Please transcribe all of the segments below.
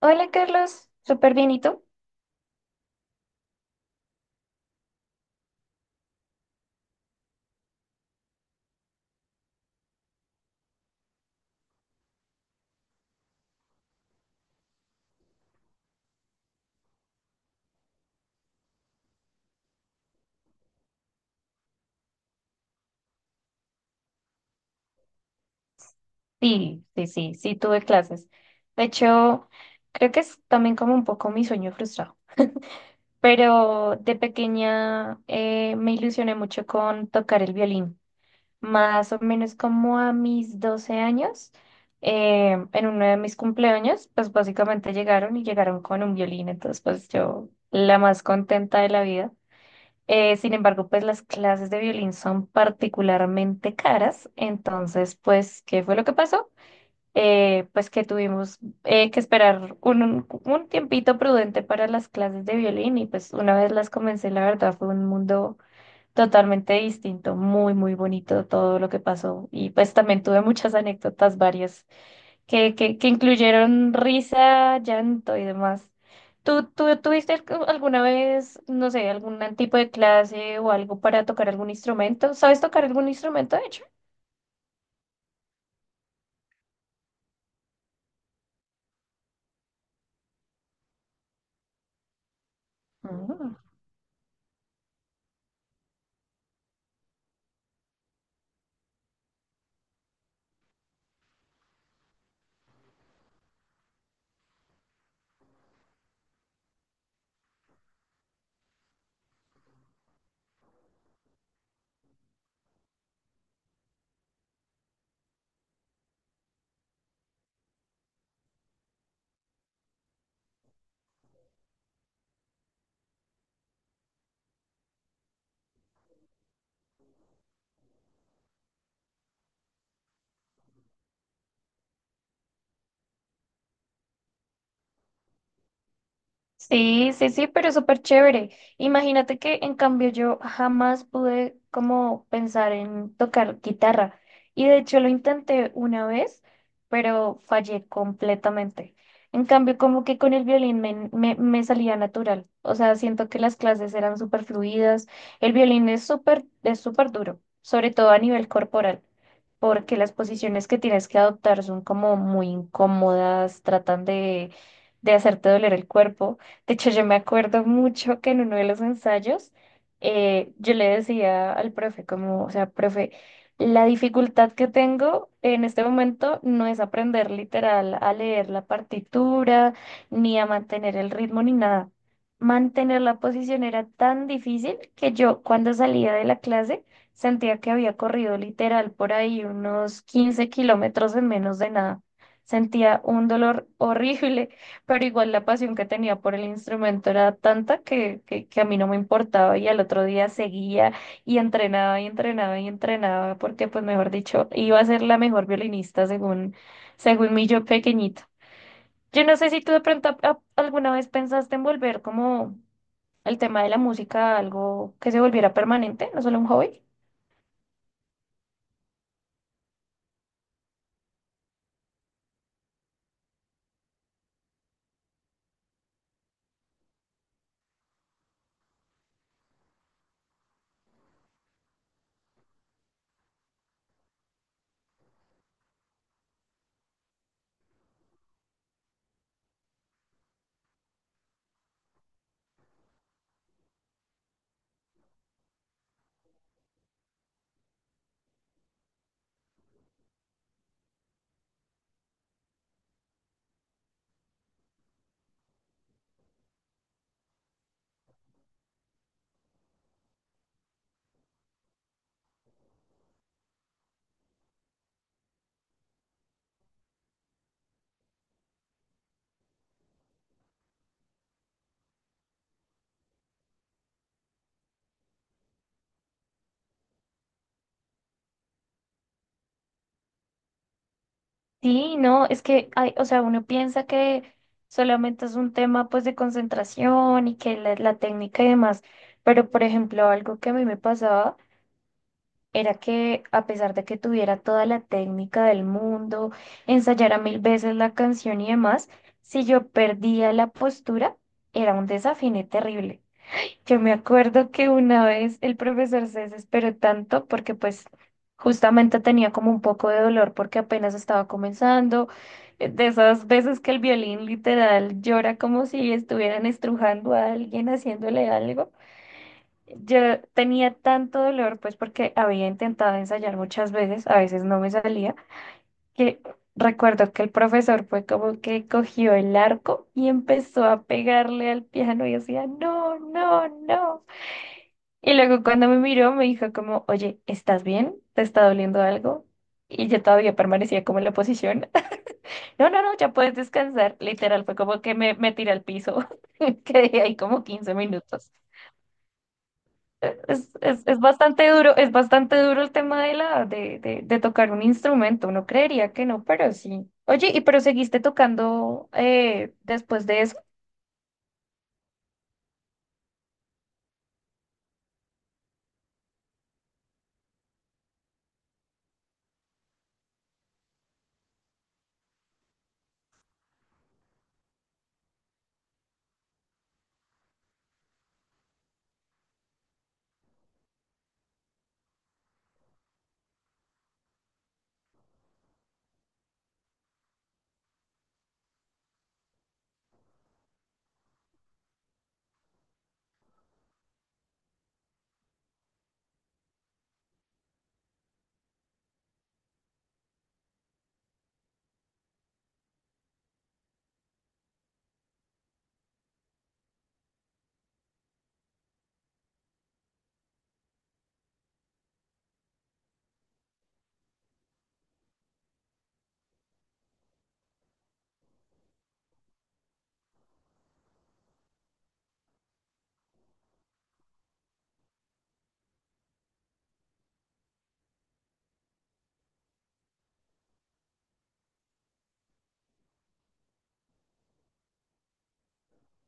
Hola Carlos, súper bien, ¿y tú? Sí, sí, sí, sí, tuve clases. De hecho, creo que es también como un poco mi sueño frustrado, pero de pequeña me ilusioné mucho con tocar el violín, más o menos como a mis 12 años, en uno de mis cumpleaños, pues básicamente llegaron y llegaron con un violín, entonces pues yo la más contenta de la vida. Sin embargo, pues las clases de violín son particularmente caras, entonces, pues, ¿qué fue lo que pasó? Pues que tuvimos que esperar un tiempito prudente para las clases de violín y pues una vez las comencé, la verdad fue un mundo totalmente distinto, muy, muy bonito todo lo que pasó y pues también tuve muchas anécdotas varias que incluyeron risa, llanto y demás. ¿Tú tuviste alguna vez, no sé, algún tipo de clase o algo para tocar algún instrumento? ¿Sabes tocar algún instrumento, de hecho? Sí, sí, sí, pero súper chévere. Imagínate que en cambio yo jamás pude como pensar en tocar guitarra. Y de hecho lo intenté una vez, pero fallé completamente. En cambio, como que con el violín me salía natural. O sea, siento que las clases eran súper fluidas. El violín es súper duro, sobre todo a nivel corporal porque las posiciones que tienes que adoptar son como muy incómodas, tratan de hacerte doler el cuerpo. De hecho, yo me acuerdo mucho que en uno de los ensayos yo le decía al profe como, o sea, profe, la dificultad que tengo en este momento no es aprender literal a leer la partitura, ni a mantener el ritmo, ni nada. Mantener la posición era tan difícil que yo cuando salía de la clase sentía que había corrido literal por ahí unos 15 kilómetros en menos de nada. Sentía un dolor horrible pero igual la pasión que tenía por el instrumento era tanta que a mí no me importaba y al otro día seguía y entrenaba y entrenaba y entrenaba porque, pues, mejor dicho, iba a ser la mejor violinista según mi yo pequeñito. Yo no sé si tú de pronto alguna vez pensaste en volver como el tema de la música a algo que se volviera permanente, no solo un hobby. Sí, no, es que hay, o sea, uno piensa que solamente es un tema pues de concentración y que la técnica y demás, pero por ejemplo, algo que a mí me pasaba era que a pesar de que tuviera toda la técnica del mundo, ensayara mil veces la canción y demás, si yo perdía la postura, era un desafiné terrible. Yo me acuerdo que una vez el profesor se desesperó tanto porque pues justamente tenía como un poco de dolor porque apenas estaba comenzando, de esas veces que el violín literal llora como si estuvieran estrujando a alguien haciéndole algo. Yo tenía tanto dolor pues porque había intentado ensayar muchas veces, a veces no me salía, que recuerdo que el profesor fue como que cogió el arco y empezó a pegarle al piano y decía, no, no, no. Y luego cuando me miró me dijo como, oye, ¿estás bien? ¿Te está doliendo algo? Y yo todavía permanecía como en la posición. No, no, no, ya puedes descansar. Literal, fue como que me tiré al piso. Quedé ahí como 15 minutos. Es bastante duro, es bastante duro el tema de tocar un instrumento. Uno creería que no, pero sí. Oye, ¿y pero seguiste tocando después de eso?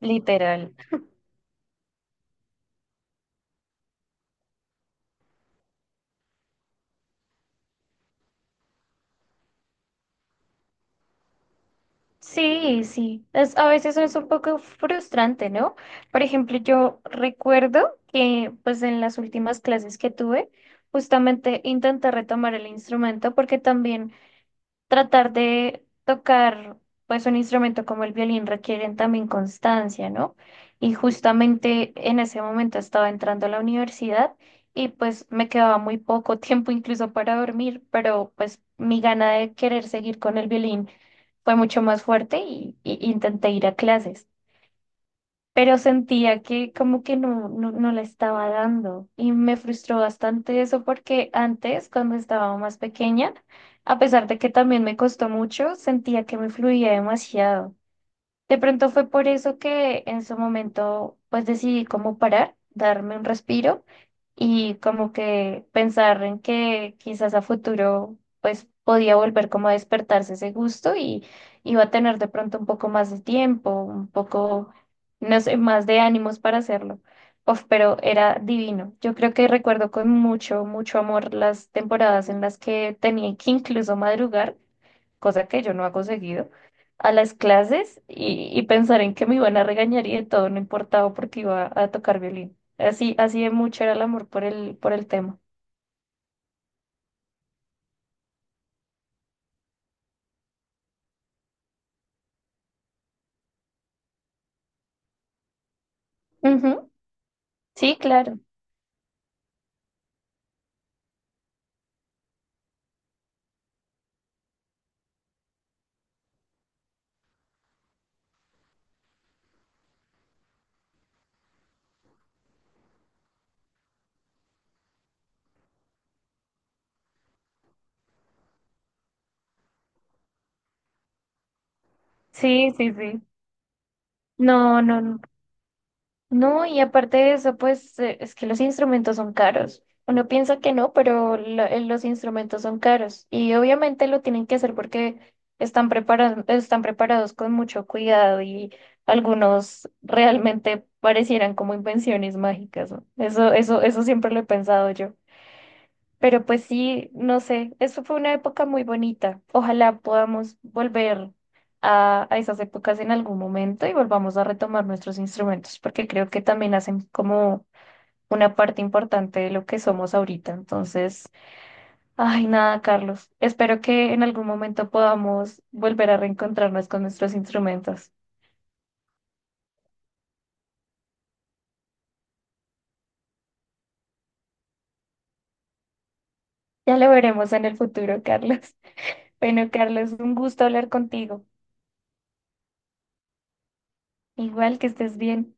Literal. Sí, sí, es, a veces es un poco frustrante, ¿no? Por ejemplo, yo recuerdo que pues en las últimas clases que tuve, justamente intenté retomar el instrumento porque también tratar de tocar pues un instrumento como el violín requieren también constancia, ¿no? Y justamente en ese momento estaba entrando a la universidad y pues me quedaba muy poco tiempo incluso para dormir, pero pues mi gana de querer seguir con el violín fue mucho más fuerte y intenté ir a clases, pero sentía que como que no la estaba dando y me frustró bastante eso porque antes, cuando estaba más pequeña, a pesar de que también me costó mucho, sentía que me fluía demasiado. De pronto fue por eso que en su momento pues decidí como parar, darme un respiro y como que pensar en que quizás a futuro pues podía volver como a despertarse ese gusto y iba a tener de pronto un poco más de tiempo, un poco, no sé, más de ánimos para hacerlo. Uf, pero era divino. Yo creo que recuerdo con mucho, mucho amor las temporadas en las que tenía que incluso madrugar, cosa que yo no hago seguido a las clases y pensar en que me iban a regañar y de todo no importaba porque iba a tocar violín. Así, así de mucho era el amor por el tema. Ujú. Sí, claro. Sí, sí, sí. No, no, no. No, y aparte de eso, pues es que los instrumentos son caros. Uno piensa que no, pero los instrumentos son caros. Y obviamente lo tienen que hacer porque están preparados con mucho cuidado y algunos realmente parecieran como invenciones mágicas, ¿no? Eso siempre lo he pensado yo. Pero pues sí, no sé, eso fue una época muy bonita. Ojalá podamos volver a esas épocas en algún momento y volvamos a retomar nuestros instrumentos, porque creo que también hacen como una parte importante de lo que somos ahorita. Entonces, ay, nada, Carlos, espero que en algún momento podamos volver a reencontrarnos con nuestros instrumentos. Ya lo veremos en el futuro, Carlos. Bueno, Carlos, un gusto hablar contigo. Igual que estés bien.